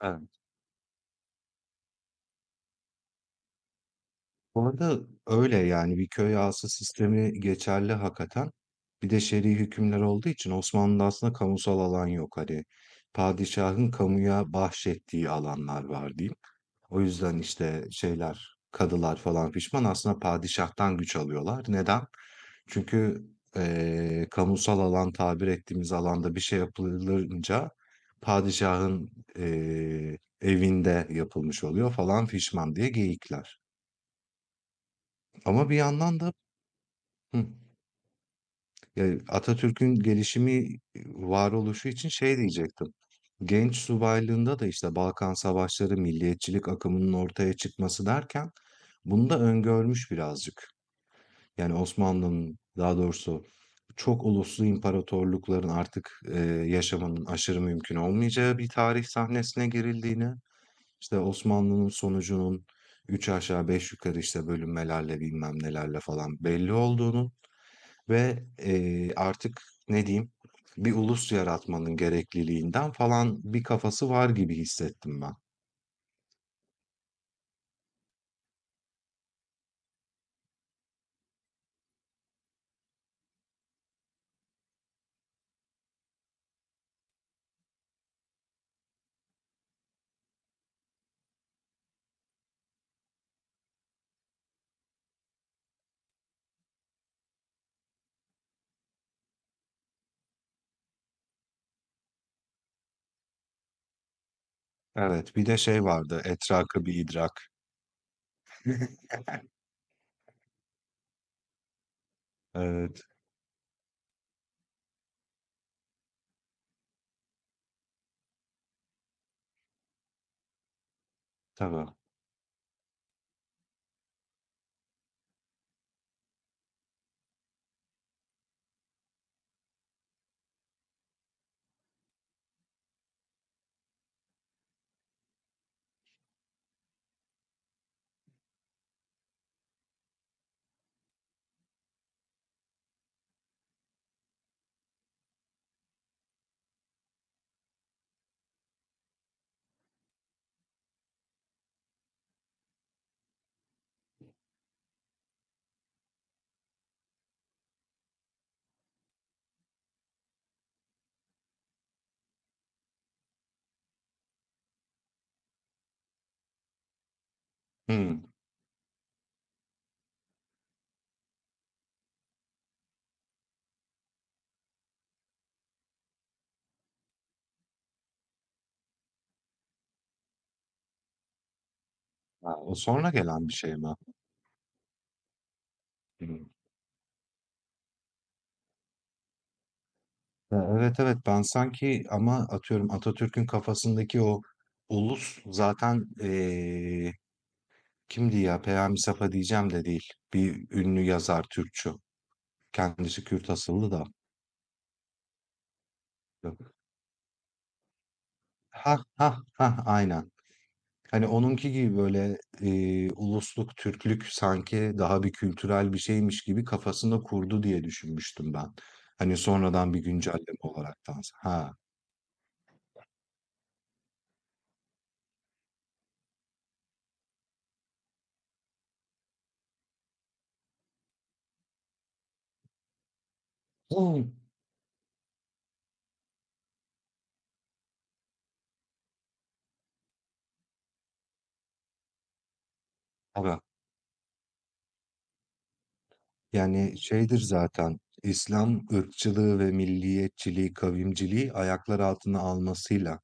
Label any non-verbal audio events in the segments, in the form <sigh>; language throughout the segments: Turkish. Evet. Bu arada öyle yani bir köy ağası sistemi geçerli hakikaten. Bir de şer'i hükümler olduğu için Osmanlı'da aslında kamusal alan yok. Hani padişahın kamuya bahşettiği alanlar var diyeyim. O yüzden işte şeyler, kadılar falan pişman aslında padişahtan güç alıyorlar. Neden? Çünkü kamusal alan tabir ettiğimiz alanda bir şey yapılınca padişahın evinde yapılmış oluyor falan fişman diye geyikler. Ama bir yandan da Hıh. Ya, Atatürk'ün gelişimi, varoluşu için şey diyecektim. Genç subaylığında da işte Balkan Savaşları, milliyetçilik akımının ortaya çıkması derken bunu da öngörmüş birazcık. Yani Osmanlı'nın daha doğrusu çok uluslu imparatorlukların artık yaşamanın aşırı mümkün olmayacağı bir tarih sahnesine girildiğini, işte Osmanlı'nın sonucunun üç aşağı beş yukarı işte bölünmelerle bilmem nelerle falan belli olduğunu. Ve, artık ne diyeyim, bir ulus yaratmanın gerekliliğinden falan bir kafası var gibi hissettim ben. Evet, bir de şey vardı, "Etraka bir idrak." <laughs> Evet, tabii. Hımm. A, o sonra gelen bir şey mi? Hıı. Ya, evet, evet, ben sanki ama atıyorum Atatürk'ün kafasındaki o ulus zaten kimdi ya, Peyami Safa diyeceğim de değil. Bir ünlü yazar Türkçü. Kendisi Kürt asıllı da. Ha ha ha, aynen. Hani onunki gibi böyle ulusluk, Türklük sanki daha bir kültürel bir şeymiş gibi kafasında kurdu diye düşünmüştüm ben. Hani sonradan bir güncelleme olaraktan. Ha. Hı. Tabii. Yani, şeydir zaten, İslam ırkçılığı ve milliyetçiliği, kavimciliği ayaklar altına almasıyla,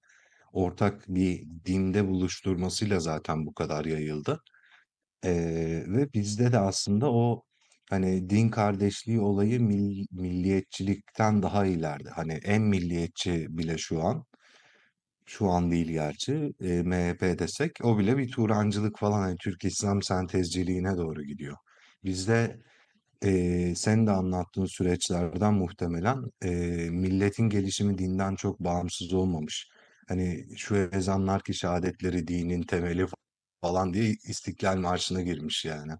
ortak bir dinde buluşturmasıyla zaten bu kadar yayıldı. Ve bizde de aslında o, hani, din kardeşliği olayı milliyetçilikten daha ileride. Hani, en milliyetçi bile şu an, şu an değil gerçi, MHP desek o bile bir Turancılık falan, hani, Türk-İslam sentezciliğine doğru gidiyor. Bizde senin de anlattığın süreçlerden muhtemelen milletin gelişimi dinden çok bağımsız olmamış. Hani şu ezanlar ki şehadetleri dinin temeli falan diye İstiklal Marşı'na girmiş yani.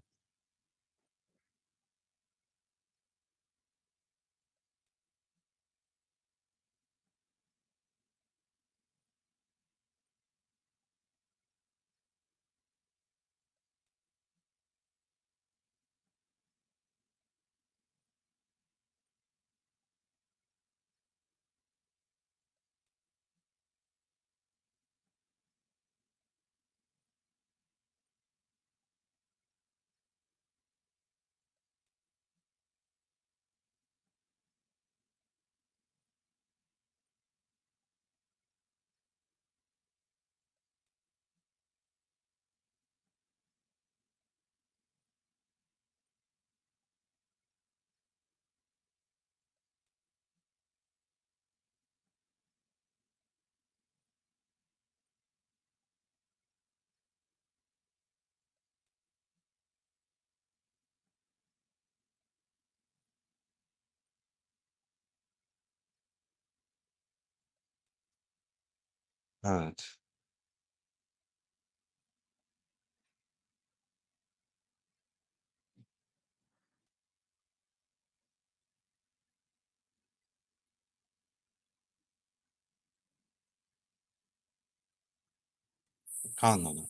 Evet. Kanunu.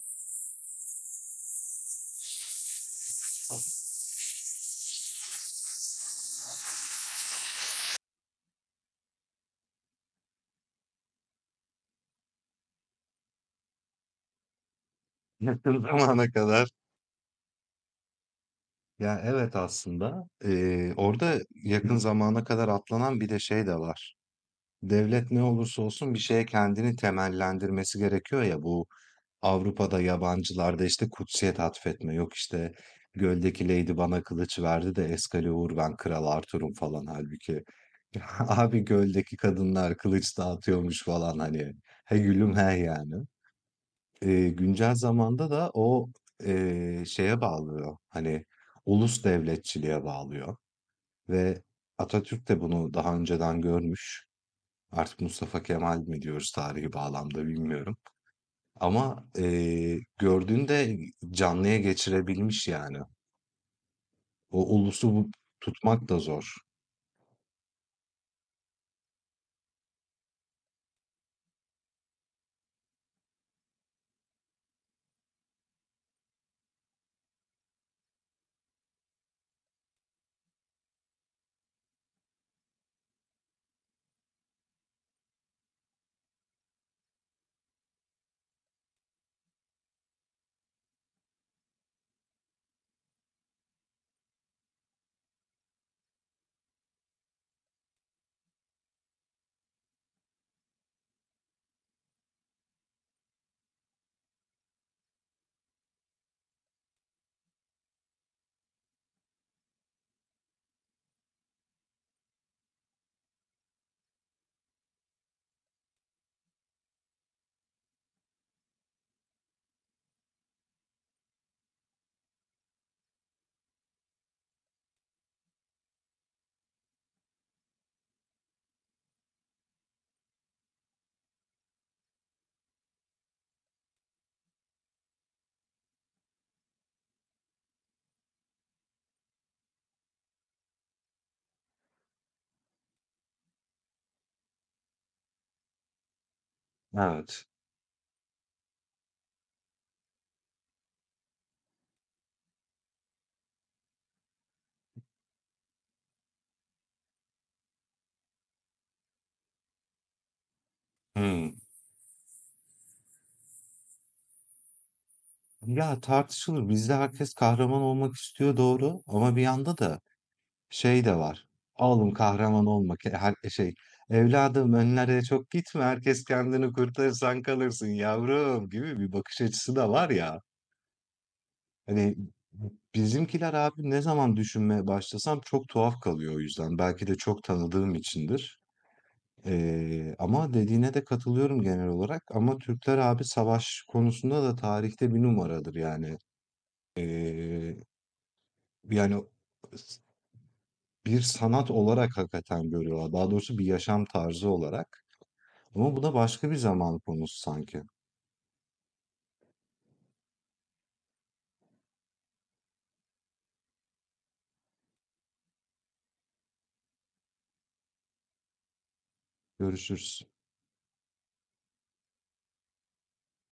Yakın <laughs> zamana kadar. Ya evet, aslında orada yakın zamana kadar atlanan bir de şey de var. Devlet ne olursa olsun bir şeye kendini temellendirmesi gerekiyor ya, bu Avrupa'da yabancılarda, işte, kutsiyet atfetme, yok, işte, göldeki lady bana kılıç verdi de Excalibur, ben Kral Arthur'um falan, halbuki <laughs> abi göldeki kadınlar kılıç dağıtıyormuş falan hani. He gülüm he yani. Güncel zamanda da o, şeye bağlıyor, hani, ulus devletçiliğe bağlıyor ve Atatürk de bunu daha önceden görmüş. Artık Mustafa Kemal mi diyoruz tarihi bağlamda bilmiyorum. Ama, gördüğünde canlıya geçirebilmiş yani. O ulusu bu tutmak da zor. Evet. Hımm. Ya, tartışılır. Bizde herkes kahraman olmak istiyor, doğru, ama bir yanda da şey de var. "Oğlum kahraman olmak her şey, "Evladım önlere çok gitme, herkes kendini kurtarırsan kalırsın yavrum." gibi bir bakış açısı da var ya. Hani, bizimkiler abi ne zaman düşünmeye başlasam çok tuhaf kalıyor o yüzden. Belki de çok tanıdığım içindir. Ama dediğine de katılıyorum genel olarak, ama Türkler abi savaş konusunda da tarihte bir numaradır yani. Eee, yani bir sanat olarak hakikaten görüyorlar. Daha doğrusu bir yaşam tarzı olarak. Ama bu da başka bir zaman konusu sanki. Görüşürüz.